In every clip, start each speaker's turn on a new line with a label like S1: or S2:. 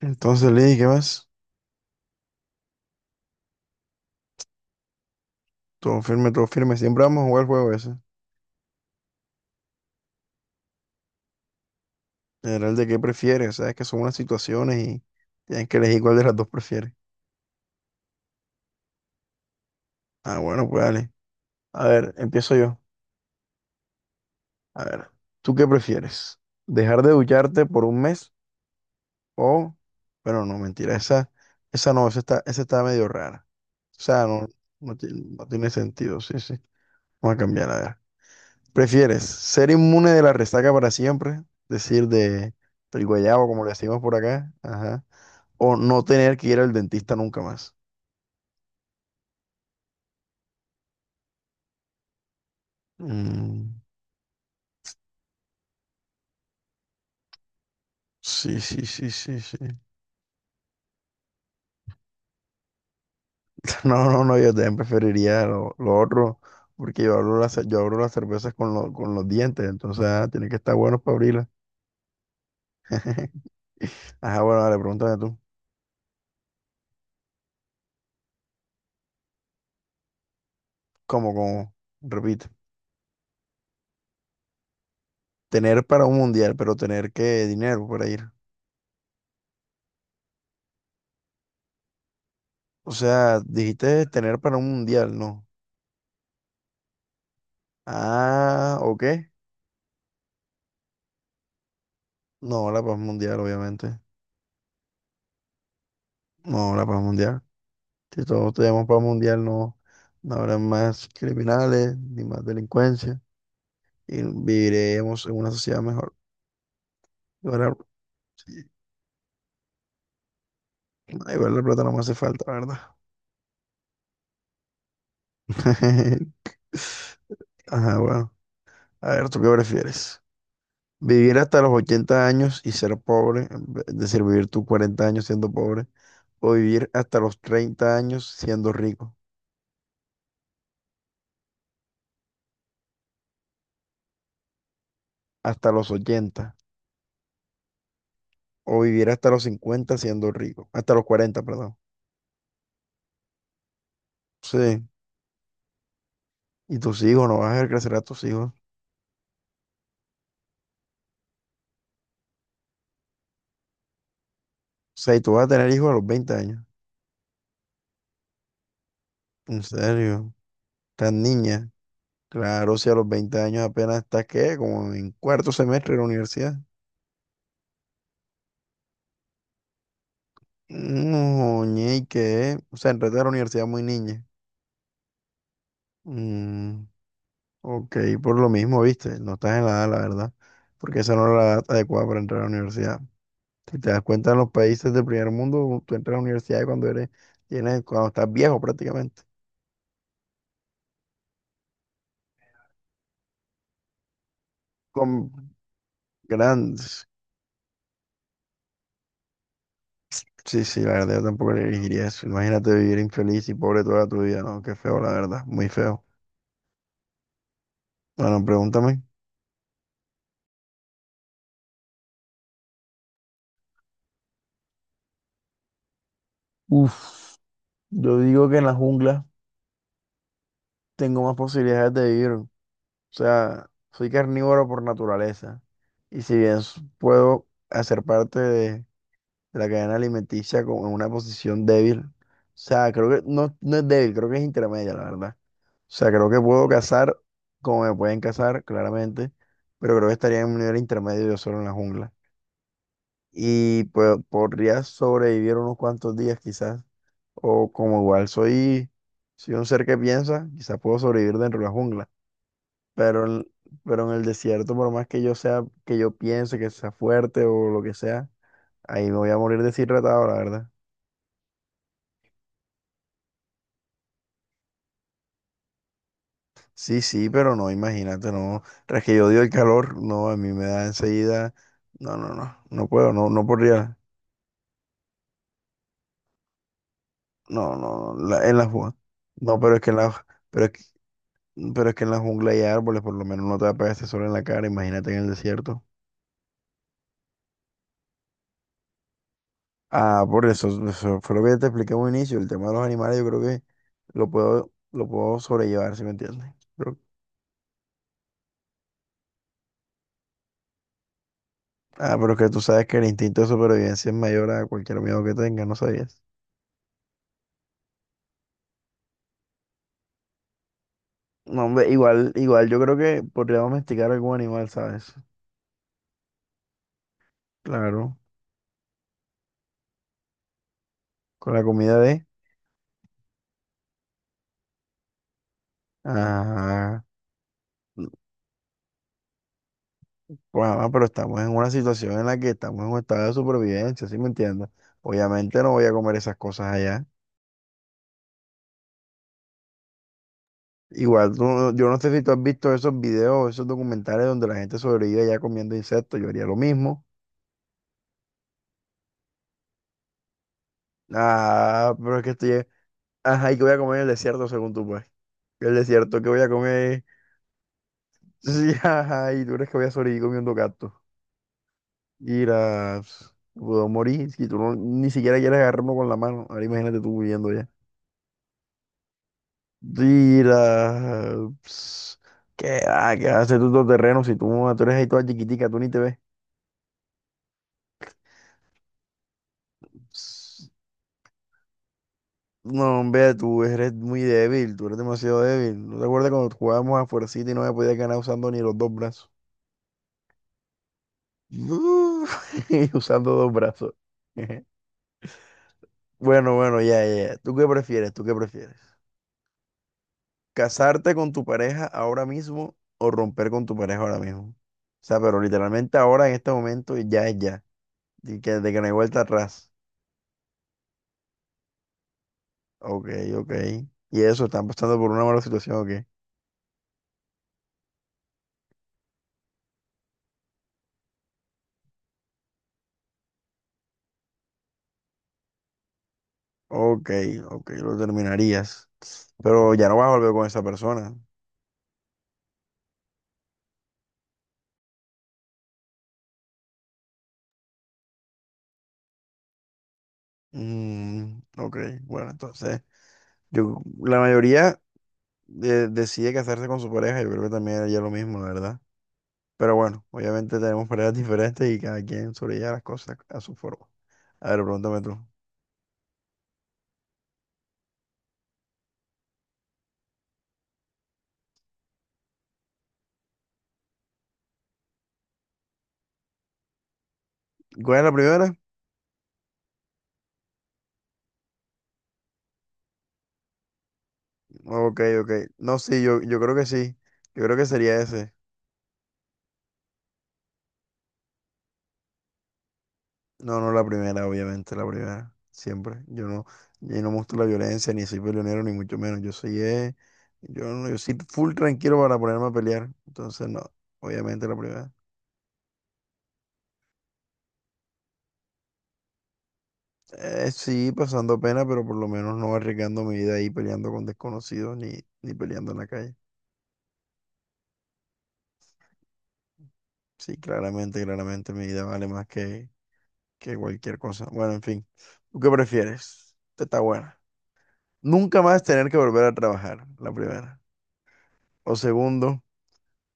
S1: Entonces, Lee, ¿qué más? Todo firme, todo firme. Siempre vamos a jugar el juego ese. Era el de qué prefieres, sabes que son unas situaciones y tienes que elegir cuál de las dos prefieres. Ah, bueno, pues dale. A ver, empiezo yo. A ver, ¿tú qué prefieres? ¿Dejar de ducharte por un mes o... Bueno, no, mentira, esa no, esa está medio rara. O sea, no, no, no tiene sentido, sí, sí. Vamos a cambiar, a ver. ¿Prefieres ser inmune de la resaca para siempre? Decir de... El guayabo, como le decimos por acá. Ajá. O no tener que ir al dentista nunca más. Mm, sí, sí, sí, sí, sí. No, no, no, yo también preferiría lo otro, porque yo abro las cervezas con, con los dientes, entonces tiene que estar bueno para abrirlas. Ajá, bueno, dale, pregúntame tú. ¿Cómo, cómo? Repite. Tener para un mundial, pero tener qué dinero para ir. O sea, dijiste tener para un mundial, ¿no? Ah, ¿o qué? No, la paz mundial, obviamente. No, la paz mundial. Si todos tenemos paz mundial, no, no habrá más criminales ni más delincuencia y viviremos en una sociedad mejor. Igual, sí, igual la plata no me hace falta, la, ¿verdad? Ajá, bueno. A ver, ¿tú qué prefieres? ¿Vivir hasta los 80 años y ser pobre? Es decir, vivir tus 40 años siendo pobre. ¿O vivir hasta los 30 años siendo rico? Hasta los ochenta. ¿O vivir hasta los 50 siendo rico? Hasta los 40, perdón. Sí. ¿Y tus hijos? ¿No vas a ver crecer a tus hijos? O sea, ¿y tú vas a tener hijos a los 20 años? En serio, tan niña. Claro, si a los 20 años apenas estás, ¿qué? Como en cuarto semestre de la universidad. No, ñe, ¿y qué? O sea, entraste a la universidad muy niña. Mm, ok, por lo mismo, viste. No estás en la edad, la verdad. Porque esa no es la edad adecuada para entrar a la universidad. Si te das cuenta, en los países del primer mundo, tú entras a la universidad cuando eres, tienes, cuando estás viejo prácticamente. Con grandes. Sí, sí, la verdad yo tampoco elegiría eso. Imagínate vivir infeliz y pobre toda tu vida, ¿no? Qué feo, la verdad, muy feo. Bueno, pregúntame. Uf, yo digo que en la jungla tengo más posibilidades de vivir. O sea, soy carnívoro por naturaleza. Y si bien puedo hacer parte de la cadena alimenticia como en una posición débil. O sea, creo que no, no es débil, creo que es intermedia, la verdad. O sea, creo que puedo cazar como me pueden cazar, claramente, pero creo que estaría en un nivel intermedio yo solo en la jungla. Y pues podría sobrevivir unos cuantos días quizás. O como igual soy, soy un ser que piensa, quizás puedo sobrevivir dentro de la jungla. Pero en, pero en el desierto, por más que yo sea, que yo piense que sea fuerte o lo que sea, ahí me voy a morir deshidratado, la verdad. Sí, sí, pero no, imagínate, no. Tras que yo odio el calor, no, a mí me da enseguida. No, no, no, no puedo, no, no podría. No, no, no, en la jungla. No, pero es que en la, pero es que Mm, pero es que en la jungla hay árboles, por lo menos no te va a pegar este sol en la cara, imagínate en el desierto. Ah, por eso, eso fue lo que te expliqué en un inicio, el tema de los animales yo creo que lo puedo sobrellevar, ¿si me entiendes? Pero- pero es que tú sabes que el instinto de supervivencia es mayor a cualquier miedo que tengas, ¿no sabías? No, hombre, igual, igual yo creo que podría domesticar algún animal, ¿sabes? Claro, con la comida de... Ajá. Bueno, mamá, pero estamos en una situación en la que estamos en un estado de supervivencia, ¿sí me entiendes? Obviamente no voy a comer esas cosas allá. Igual, tú no- yo no sé si tú has visto esos videos, esos documentales donde la gente sobrevive allá comiendo insectos, yo haría lo mismo. Ah, pero es que estoy... Ajá, ¿y qué voy a comer en el desierto según tú, pues? El desierto, ¿qué voy a comer? Sí, ajá, ¿y tú crees que voy a sobrevivir comiendo gatos? Irás, puedo morir si tú no- ni siquiera quieres agarrarme con la mano. Ahora imagínate tú viviendo allá. Mira, ps, ¿qué hace tú todo terreno si tú, tú eres ahí toda chiquitica, tú ni te ves? Ps, no, hombre, tú eres muy débil, tú eres demasiado débil. ¿No te acuerdas cuando jugábamos a fuercita y no me podías ganar usando ni los dos brazos? Uh, y usando dos brazos. Bueno, bueno, ya, ya, ya. ¿Tú qué prefieres? ¿Tú qué prefieres? ¿Casarte con tu pareja ahora mismo o romper con tu pareja ahora mismo? O sea, pero literalmente ahora en este momento ya es ya. De que no hay vuelta atrás. Ok, ok. Y eso, están pasando por una mala situación, ok. Ok, ok, lo terminarías. Pero ya no vas a volver con esa persona. Mm, ok, bueno, entonces, la mayoría decide casarse con su pareja, yo creo que también haría lo mismo, la verdad. Pero bueno, obviamente tenemos parejas diferentes y cada quien sobrelleva las cosas a su forma. A ver, pregúntame tú. ¿Cuál es la primera? Ok, ok. No, sí, yo creo que sí. Yo creo que sería ese. No, no la primera, obviamente, la primera. Siempre. Yo no muestro la violencia, ni soy peleonero, ni mucho menos. Yo soy, yo, no- yo soy full tranquilo para ponerme a pelear. Entonces, no, obviamente la primera. Sí, pasando pena, pero por lo menos no arriesgando mi vida ahí peleando con desconocidos ni peleando en la calle. Sí, claramente, claramente mi vida vale más que cualquier cosa. Bueno, en fin. ¿Tú qué prefieres? Esta, está buena. Nunca más tener que volver a trabajar, la primera. O segundo.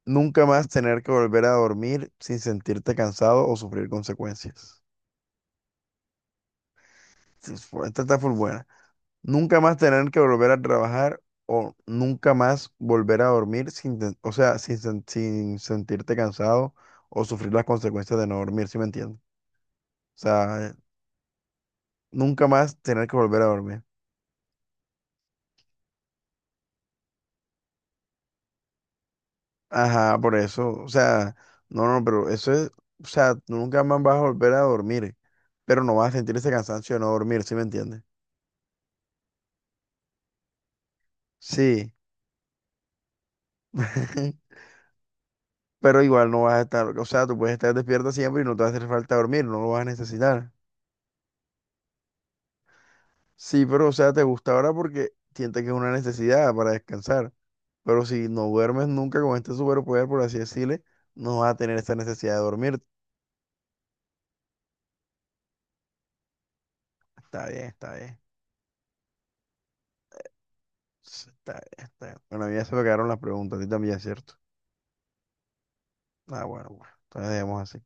S1: Nunca más tener que volver a dormir sin sentirte cansado o sufrir consecuencias. Sí, esta está full buena. Nunca más tener que volver a trabajar o nunca más volver a dormir sin, ten- o sea, sin sentirte cansado o sufrir las consecuencias de no dormir, ¿sí me entiendes? O sea, nunca más tener que volver a dormir. Ajá, por eso. O sea, no, no, pero eso es, o sea, tú nunca más vas a volver a dormir, pero no vas a sentir ese cansancio de no dormir, ¿sí me entiendes? Sí. Pero igual no vas a estar, o sea, tú puedes estar despierta siempre y no te va a hacer falta dormir, no lo vas a necesitar. Sí, pero o sea, te gusta ahora porque sientes que es una necesidad para descansar, pero si no duermes nunca con este superpoder, por así decirle, no vas a tener esa necesidad de dormir. Está bien, está bien. Sí, está bien, está bien. Bueno, a mí ya se me quedaron las preguntas, a ti también, ¿cierto? Ah, bueno, bueno, entonces dejemos así.